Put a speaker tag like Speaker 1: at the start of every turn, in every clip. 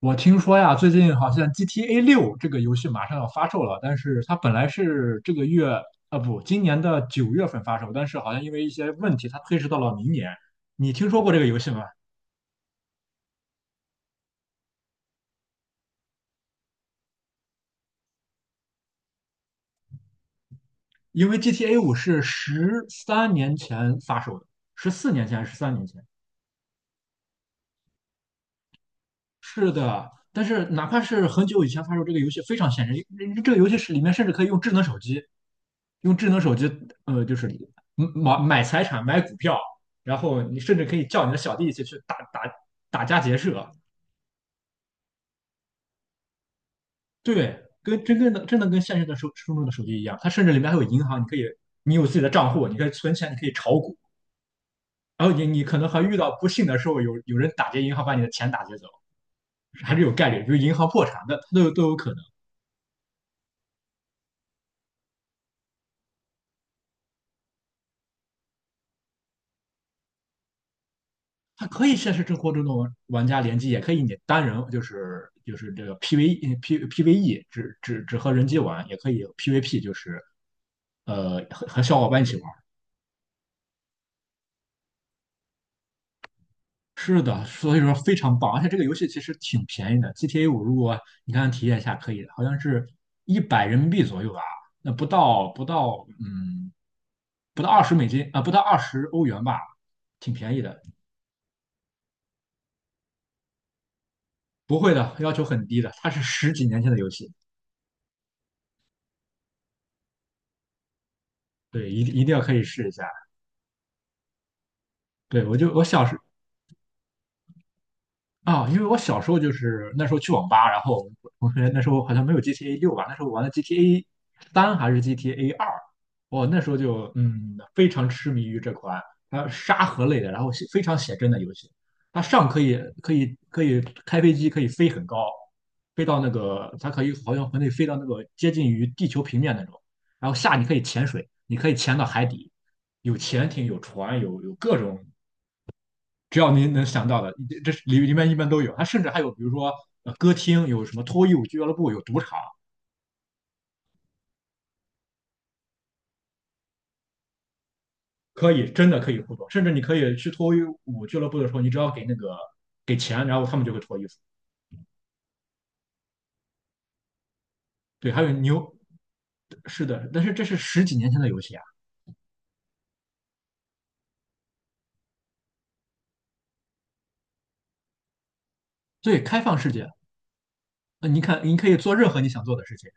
Speaker 1: 我听说呀，最近好像 GTA 六这个游戏马上要发售了，但是它本来是这个月，啊不，今年的9月份发售，但是好像因为一些问题，它推迟到了明年。你听说过这个游戏吗？因为 GTA 五是13年前发售的，14年前还是十三年前？是的，但是哪怕是很久以前发售这个游戏，非常现实，这个游戏是里面甚至可以用智能手机，用智能手机，就是买财产、买股票，然后你甚至可以叫你的小弟一起去打家劫舍，对，跟现实的手生中的手机一样，它甚至里面还有银行，你可以你有自己的账户，你可以存钱，你可以炒股，然后你可能还遇到不幸的时候，有人打劫银行把你的钱打劫走，还是有概率，比如银行破产的，都有可能。它可以现实生活中的玩家联机，也可以你单人，就是这个 PVE 只和人机玩，也可以 PVP,就是和小伙伴一起玩。是的，所以说非常棒，而且这个游戏其实挺便宜的。GTA 五如果你看体验一下，可以，好像是100人民币左右吧，那不到不到嗯不到20美金啊、不到20欧元吧，挺便宜的。不会的，要求很低的，它是十几年前的游戏，对，一定要可以试一下。对，我就我小时因为我小时候就是那时候去网吧，然后我同学那时候好像没有 GTA 六吧，那时候玩的 GTA 三还是 GTA 2，我那时候就非常痴迷于这款它沙盒类的，然后写非常写真的游戏，它上可以开飞机，可以飞很高，飞到那个它可以好像可以飞到那个接近于地球平面那种，然后下你可以潜水，你可以潜到海底，有潜艇，有船，有各种只要您能想到的，这是里面一般都有。它甚至还有，比如说歌厅，有什么脱衣舞俱乐部，有赌场，可以真的可以互动。甚至你可以去脱衣舞俱乐部的时候，你只要给那个给钱，然后他们就会脱衣服。对，还有牛，是的，但是这是十几年前的游戏啊，对，开放世界，那你看你可以做任何你想做的事情，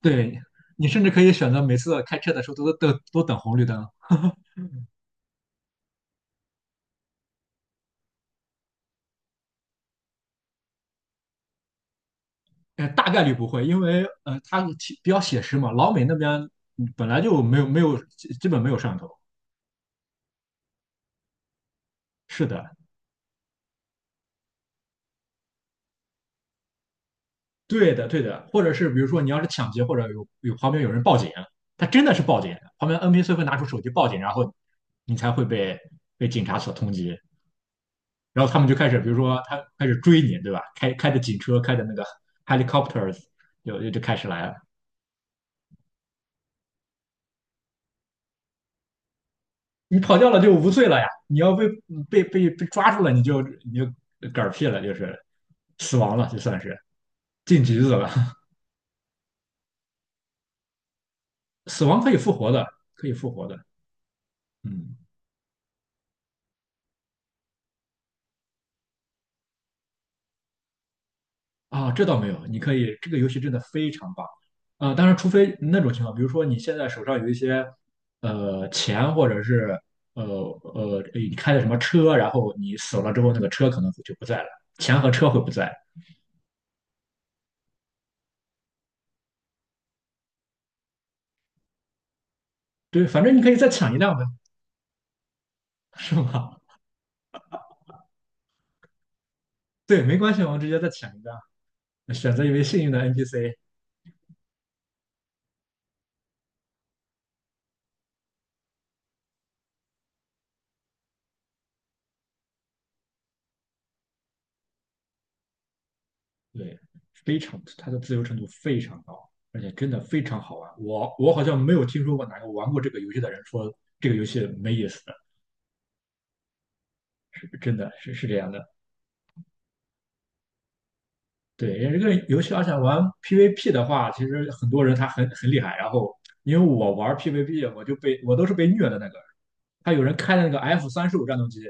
Speaker 1: 对你甚至可以选择每次开车的时候都等红绿灯。大概率不会，因为它比较写实嘛。老美那边本来就没有没有基本没有摄像头。是的，对的，对的。或者是比如说你要是抢劫，或者旁边有人报警，他真的是报警，旁边 NPC 会拿出手机报警，然后你才会被警察所通缉。然后他们就开始，比如说他开始追你，对吧？开着警车，开着那个 helicopters,就就就开始来了。你跑掉了就无罪了呀！你要被抓住了，你就嗝屁了，就是死亡了，就算是进局子了。死亡可以复活的，可以复活的。嗯，啊，这倒没有，你可以，这个游戏真的非常棒。当然，除非那种情况，比如说你现在手上有一些钱，或者是你开的什么车，然后你死了之后，那个车可能就不在了，钱和车会不在。对，反正你可以再抢一辆呗，是吗？对，没关系，我们直接再抢一辆。选择一位幸运的 NPC,对，非常，它的自由程度非常高，而且真的非常好玩。我好像没有听说过哪个玩过这个游戏的人说这个游戏没意思的，真的是这样的。对，因为这个游戏，而且玩 PVP 的话，其实很多人他很厉害。然后因为我玩 PVP,我都是被虐的那个。他有人开那个 F 三十五战斗机，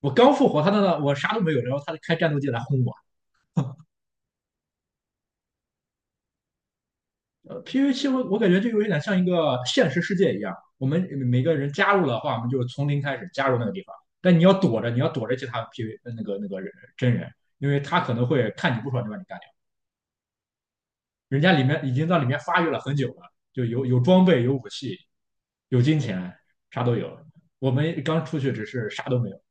Speaker 1: 我刚复活，他那我啥都没有，然后他就开战斗机来轰我。PVC 我感觉就有点像一个现实世界一样，我们每个人加入的话，我们就从零开始加入那个地方，但你要躲着，其他 PV 那个人真人，因为他可能会看你不爽就把你干掉。人家里面已经在里面发育了很久了，就有装备、有武器、有金钱，啥都有。我们刚出去只是啥都没有。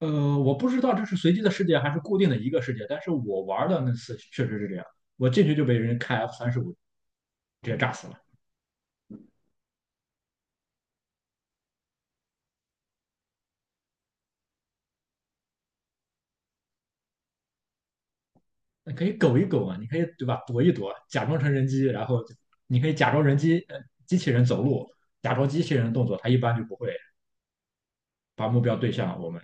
Speaker 1: 呃，我不知道这是随机的世界还是固定的一个世界，但是我玩的那次确实是这样，我进去就被人开 F 三十五直接炸死了。那可以苟一苟啊，你可以对吧？躲一躲，假装成人机，然后你可以假装人机，机器人走路，假装机器人的动作，它一般就不会把目标对向我们。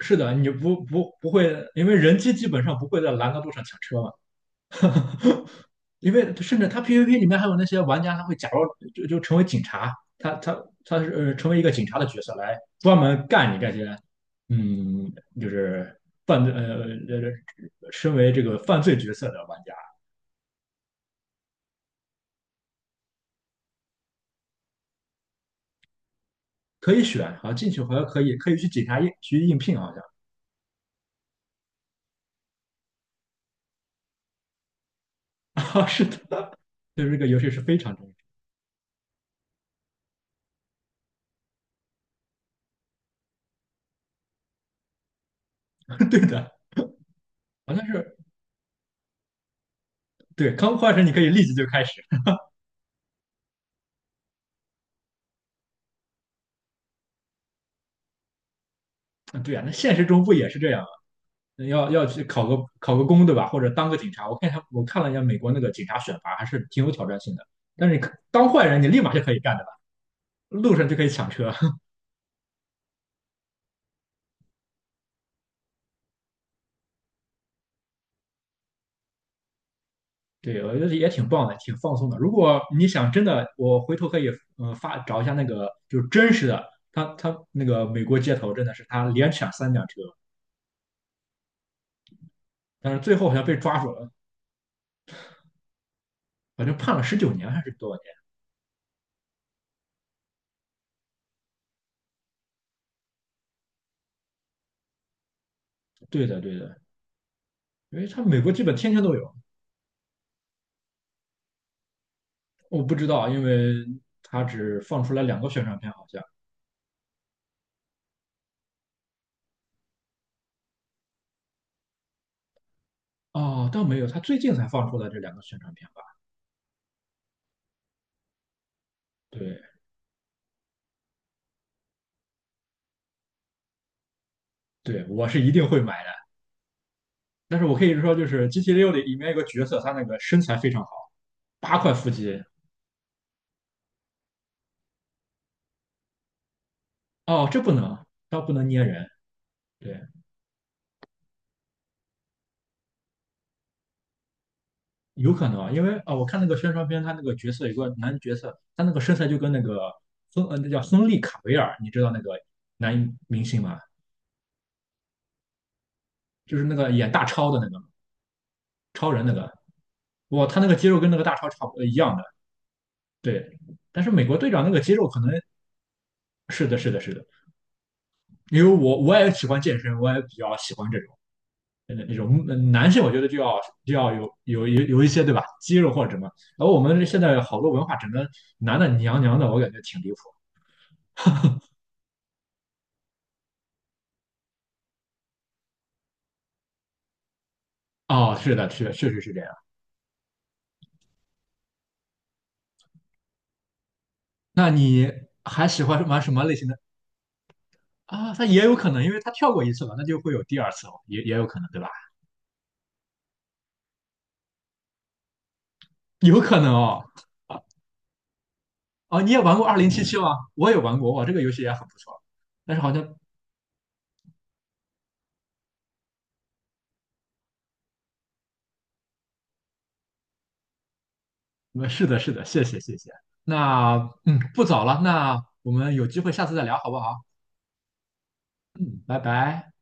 Speaker 1: 是的，你不会，因为人机基本上不会在拦的路上抢车嘛。因为甚至他 PVP 里面还有那些玩家，他会假装成为警察，他是成为一个警察的角色来专门干你这些，嗯，就是犯罪身为这个犯罪角色的玩家。可以选啊，进去好像可以去警察应聘，好像 啊，是的，就是这个游戏是非常重要，对的，好像是对，刚换成你可以立即就开始，对啊，那现实中不也是这样吗？要去考个公，对吧？或者当个警察，我看了一下美国那个警察选拔，还是挺有挑战性的。但是你当坏人，你立马就可以干的吧？路上就可以抢车，对，我觉得也挺棒的，挺放松的。如果你想真的，我回头可以找一下那个就是真实的，他那个美国街头真的是他连抢3辆车，但是最后好像被抓住了，好像判了19年还是多少年？对的，对的，因为他美国基本天天都有，我不知道，因为他只放出来两个宣传片好像。哦，倒没有，他最近才放出来这两个宣传片吧？对，对，我是一定会买的。但是我可以说，就是 GTA 六里面有个角色，他那个身材非常好，8块腹肌，哦，这不能啊，他不能捏人，对，有可能啊，因为我看那个宣传片，他那个角色有个男角色，他那个身材就跟那个那叫亨利卡维尔，你知道那个男明星吗？就是那个演大超的那个超人那个，哇，他那个肌肉跟那个大超差不多一样的，对。但是美国队长那个肌肉可能是的，是的，是的，因为我也喜欢健身，我也比较喜欢这种。那种男性，我觉得就要有一些对吧，肌肉或者什么。然后我们现在好多文化整个男的娘娘的，我感觉挺离谱。哦，是的，是确实是这样。那你还喜欢玩什么类型的啊？他也有可能，因为他跳过一次了，那就会有第二次哦也有可能对吧？有可能哦。啊哦，你也玩过2077吗？我也玩过，哇，这个游戏也很不错。但是好像，是的，是的，谢谢，谢谢。那不早了，那我们有机会下次再聊，好不好？嗯，拜拜。